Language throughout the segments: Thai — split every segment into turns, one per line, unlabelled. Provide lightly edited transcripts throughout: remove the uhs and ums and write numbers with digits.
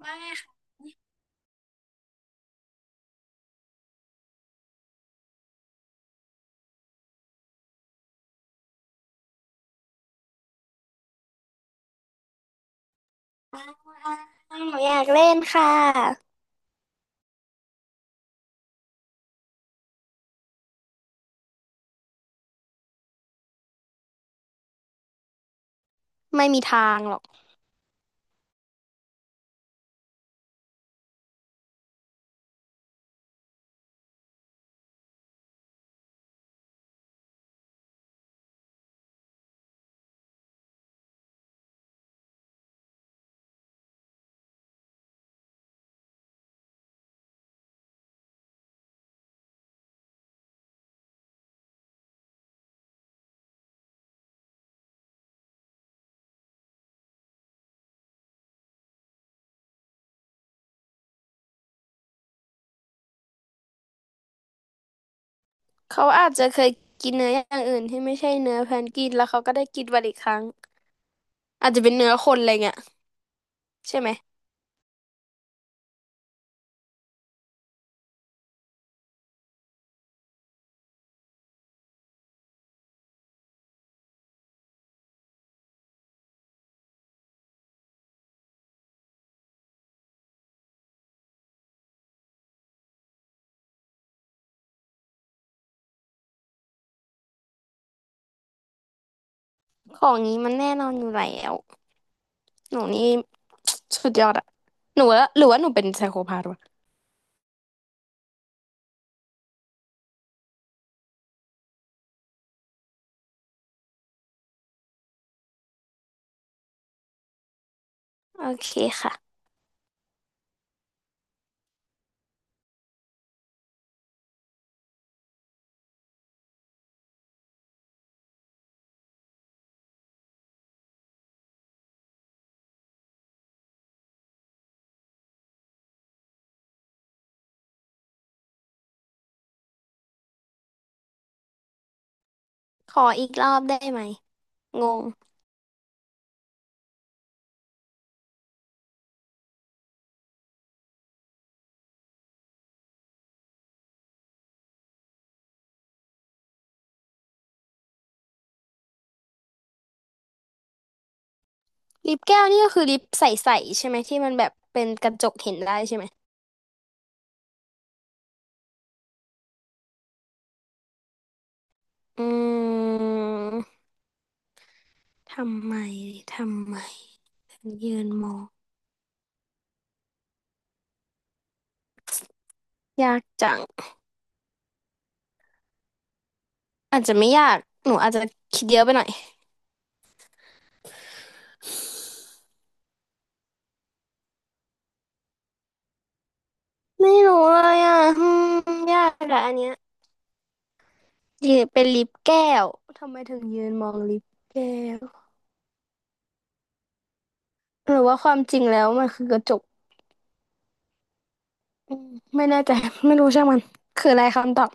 ไม่ค่ะหนูอยากเล่นค่ะไม่มีทางหรอกเขาอาจจะเคยกินเนื้ออย่างอื่นที่ไม่ใช่เนื้อแพนกวินแล้วเขาก็ได้กินวันอีกครั้งอาจจะเป็นเนื้อคนอะไรเงี้ยใช่ไหม ของนี้มันแน่นอนอยู่แล้ว หนูนี่ สุดยอดอะหนูว่าหรือว่าหนูเป็นไซโคพาธวะ โอเคค่ะ ขออีกรอบได้ไหม งงลิปแก้วนี่ก็คือลิปใสๆใช่ไหมที่มันแบบเป็นกระจกเห็นได้ใช่ไหมอืมทำไมทำไม ยืนมองยากจังอาจจะไม่ยากหนูอาจจะคิดเยอะไปหน่อยไม่รู้เลยอ่ะอืมยากแหละอันเนี้ยยืนเป็นลิฟต์แก้วทำไมถึงยืนมองลิฟต์แก้วหรือว่าความจริงแล้วมันคือกระจกอืมไม่แน่ใจไม่รู้ช่างมันคืออะไรคำตอบ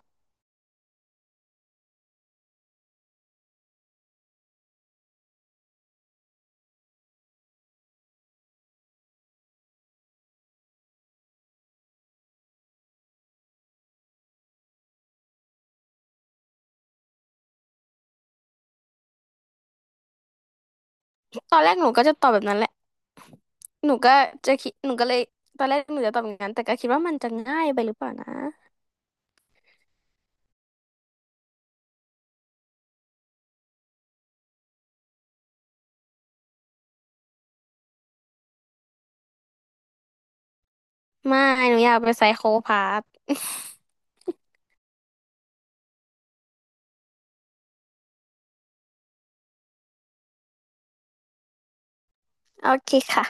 ตอนแรกหนูก็จะตอบแบบนั้นแหละหนูก็จะคิดหนูก็เลยตอนแรกหนูจะตอบอย่างนั้นแต่ก็คิดว่ามันจะง่ายไปหรือเปล่านะไม่หนูอยากเป็นไซโคพาธ โอเคค่ะ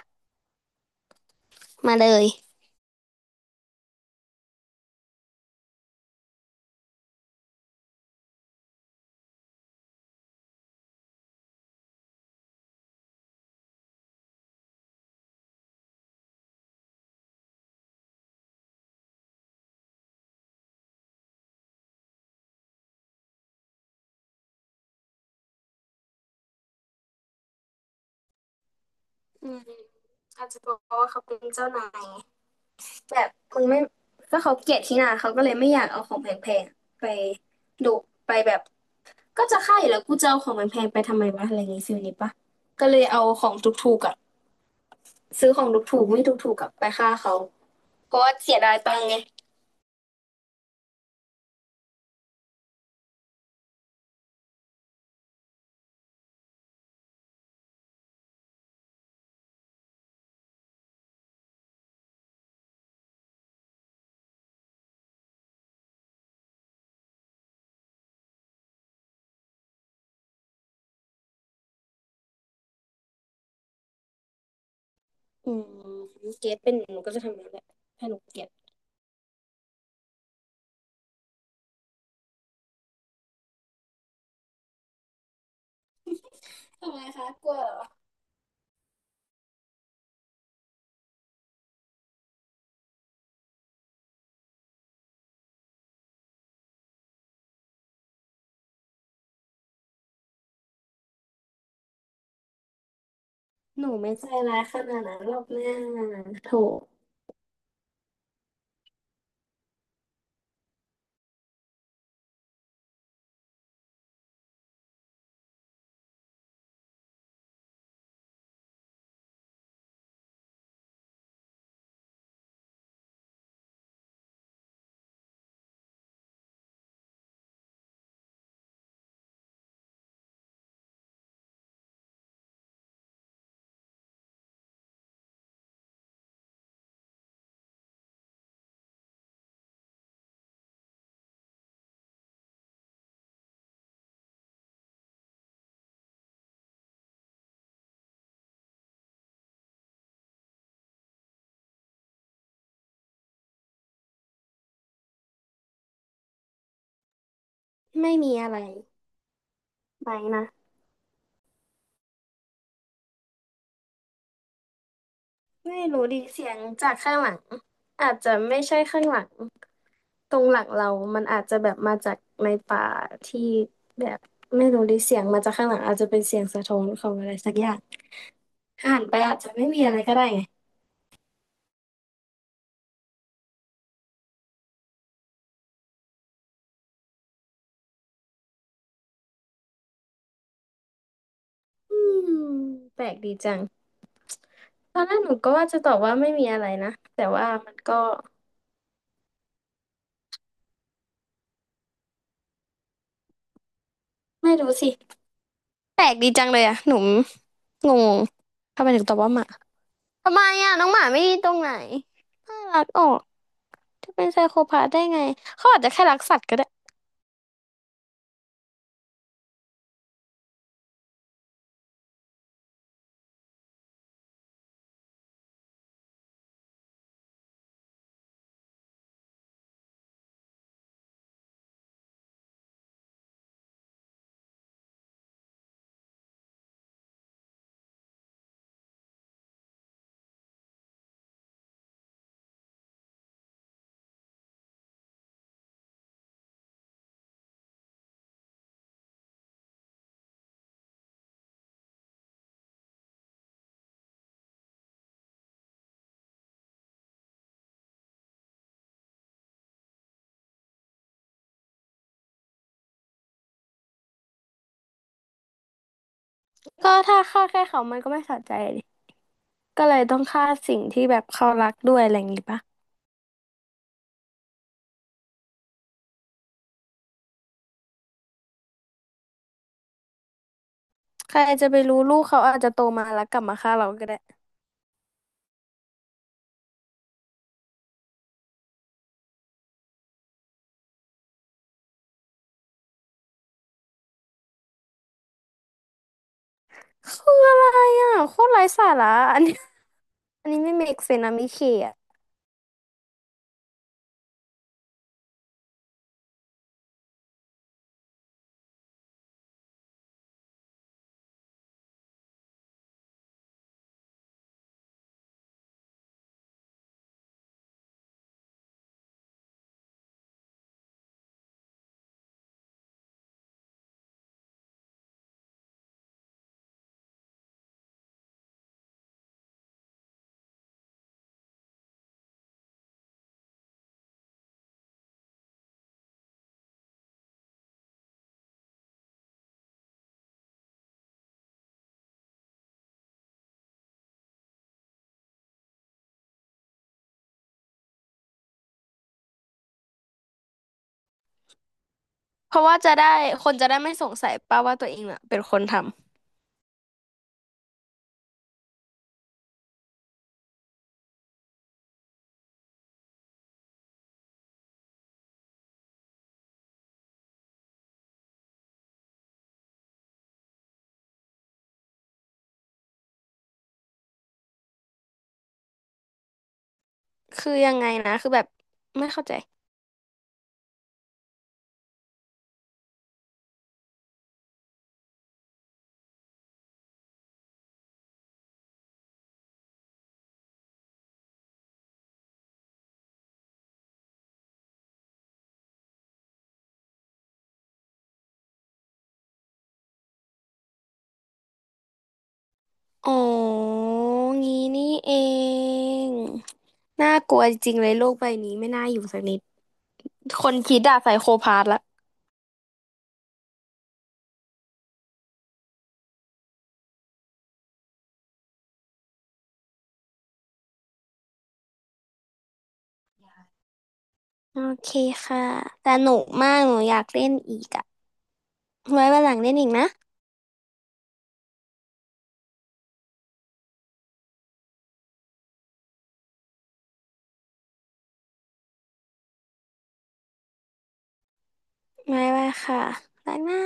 มาเลย อืมอาจจะบอกว่าเขาเป็นเจ้านายแบบมึงไม่ก็เขาเกลียดที่หนาเขาก็เลยไม่อยากเอาของแพงๆไปดุไปแบบก็จะฆ่าอยู่แล้วกูจะเอาของแพงๆไปทำไมวะอะไรอย่างงี้ฟิลนี้ปะก็เลยเอาของถูกๆอะซื้อของถูกๆไม่ถูกๆกับไปฆ่าเขาเพราะว่าเสียดายตังค์ไงอืมเกลียดเป็นหนูก็จะทำอย่างนั้นแหละถ้าหนูเกลียดทำไมคะกลัวเหรอหนูไม่ใจร้ายขนาดนั้นหรอกแม่โถไม่มีอะไรไปนะ ไม่รู้ดิเสียงจากข้างหลังอาจจะไม่ใช่ข้างหลังตรงหลังเรา มันอาจจะแบบมาจากในป่าที่แบบไม่รู้ดิเสียงมาจากข้างหลังอาจจะเป็นเสียงสะท้อนของอะไรสักอย่างหันไปอาจจะไม่มีอะไรก็ได้ไงอืมแปลกดีจังตอนแรกหนูก็ว่าจะตอบว่าไม่มีอะไรนะแต่ว่ามันก็ไม่รู้สิแปลกดีจังเลยอะหนูงงทำไมถึงตอบว่าหมาทำไมอะน้องหมาไม่ดีตรงไหนน่ารักออกจะเป็นไซโคพาธได้ไงเขาอาจจะแค่รักสัตว์ก็ได้ ก็ถ้าฆ่าแค่เขามันก็ไม่สะใจดิก็เลยต้องฆ่าสิ่งที่แบบเขารักด้วยอะไรอย่างงี้ปะใครจะไปรู้ลูกเขาอาจจะโตมาแล้วกลับมาฆ่าเราก็ได้คืออะไรอ่ะโคตรไร้สาระอันนี้ อันนี้ไม่ make sense นะมิเคอ่ะเพราะว่าจะได้คนจะได้ไม่สงสัยป้าว่าตัวเองอ่ะเป็นคนทำ คือยังไงนะ คือแบบไม่เข้าใจอ๋องี้นี่เองน่ากลัวจริงๆเลยโลกใบนี้ไม่น่าอยู่สักนิดคนคิดอะไซโคพาธละ โอเคค่ะสนุกมากหนูอยากเล่นอีกอ่ะไว้วันหลังเล่นอีกนะไว้ค่ะรักนะ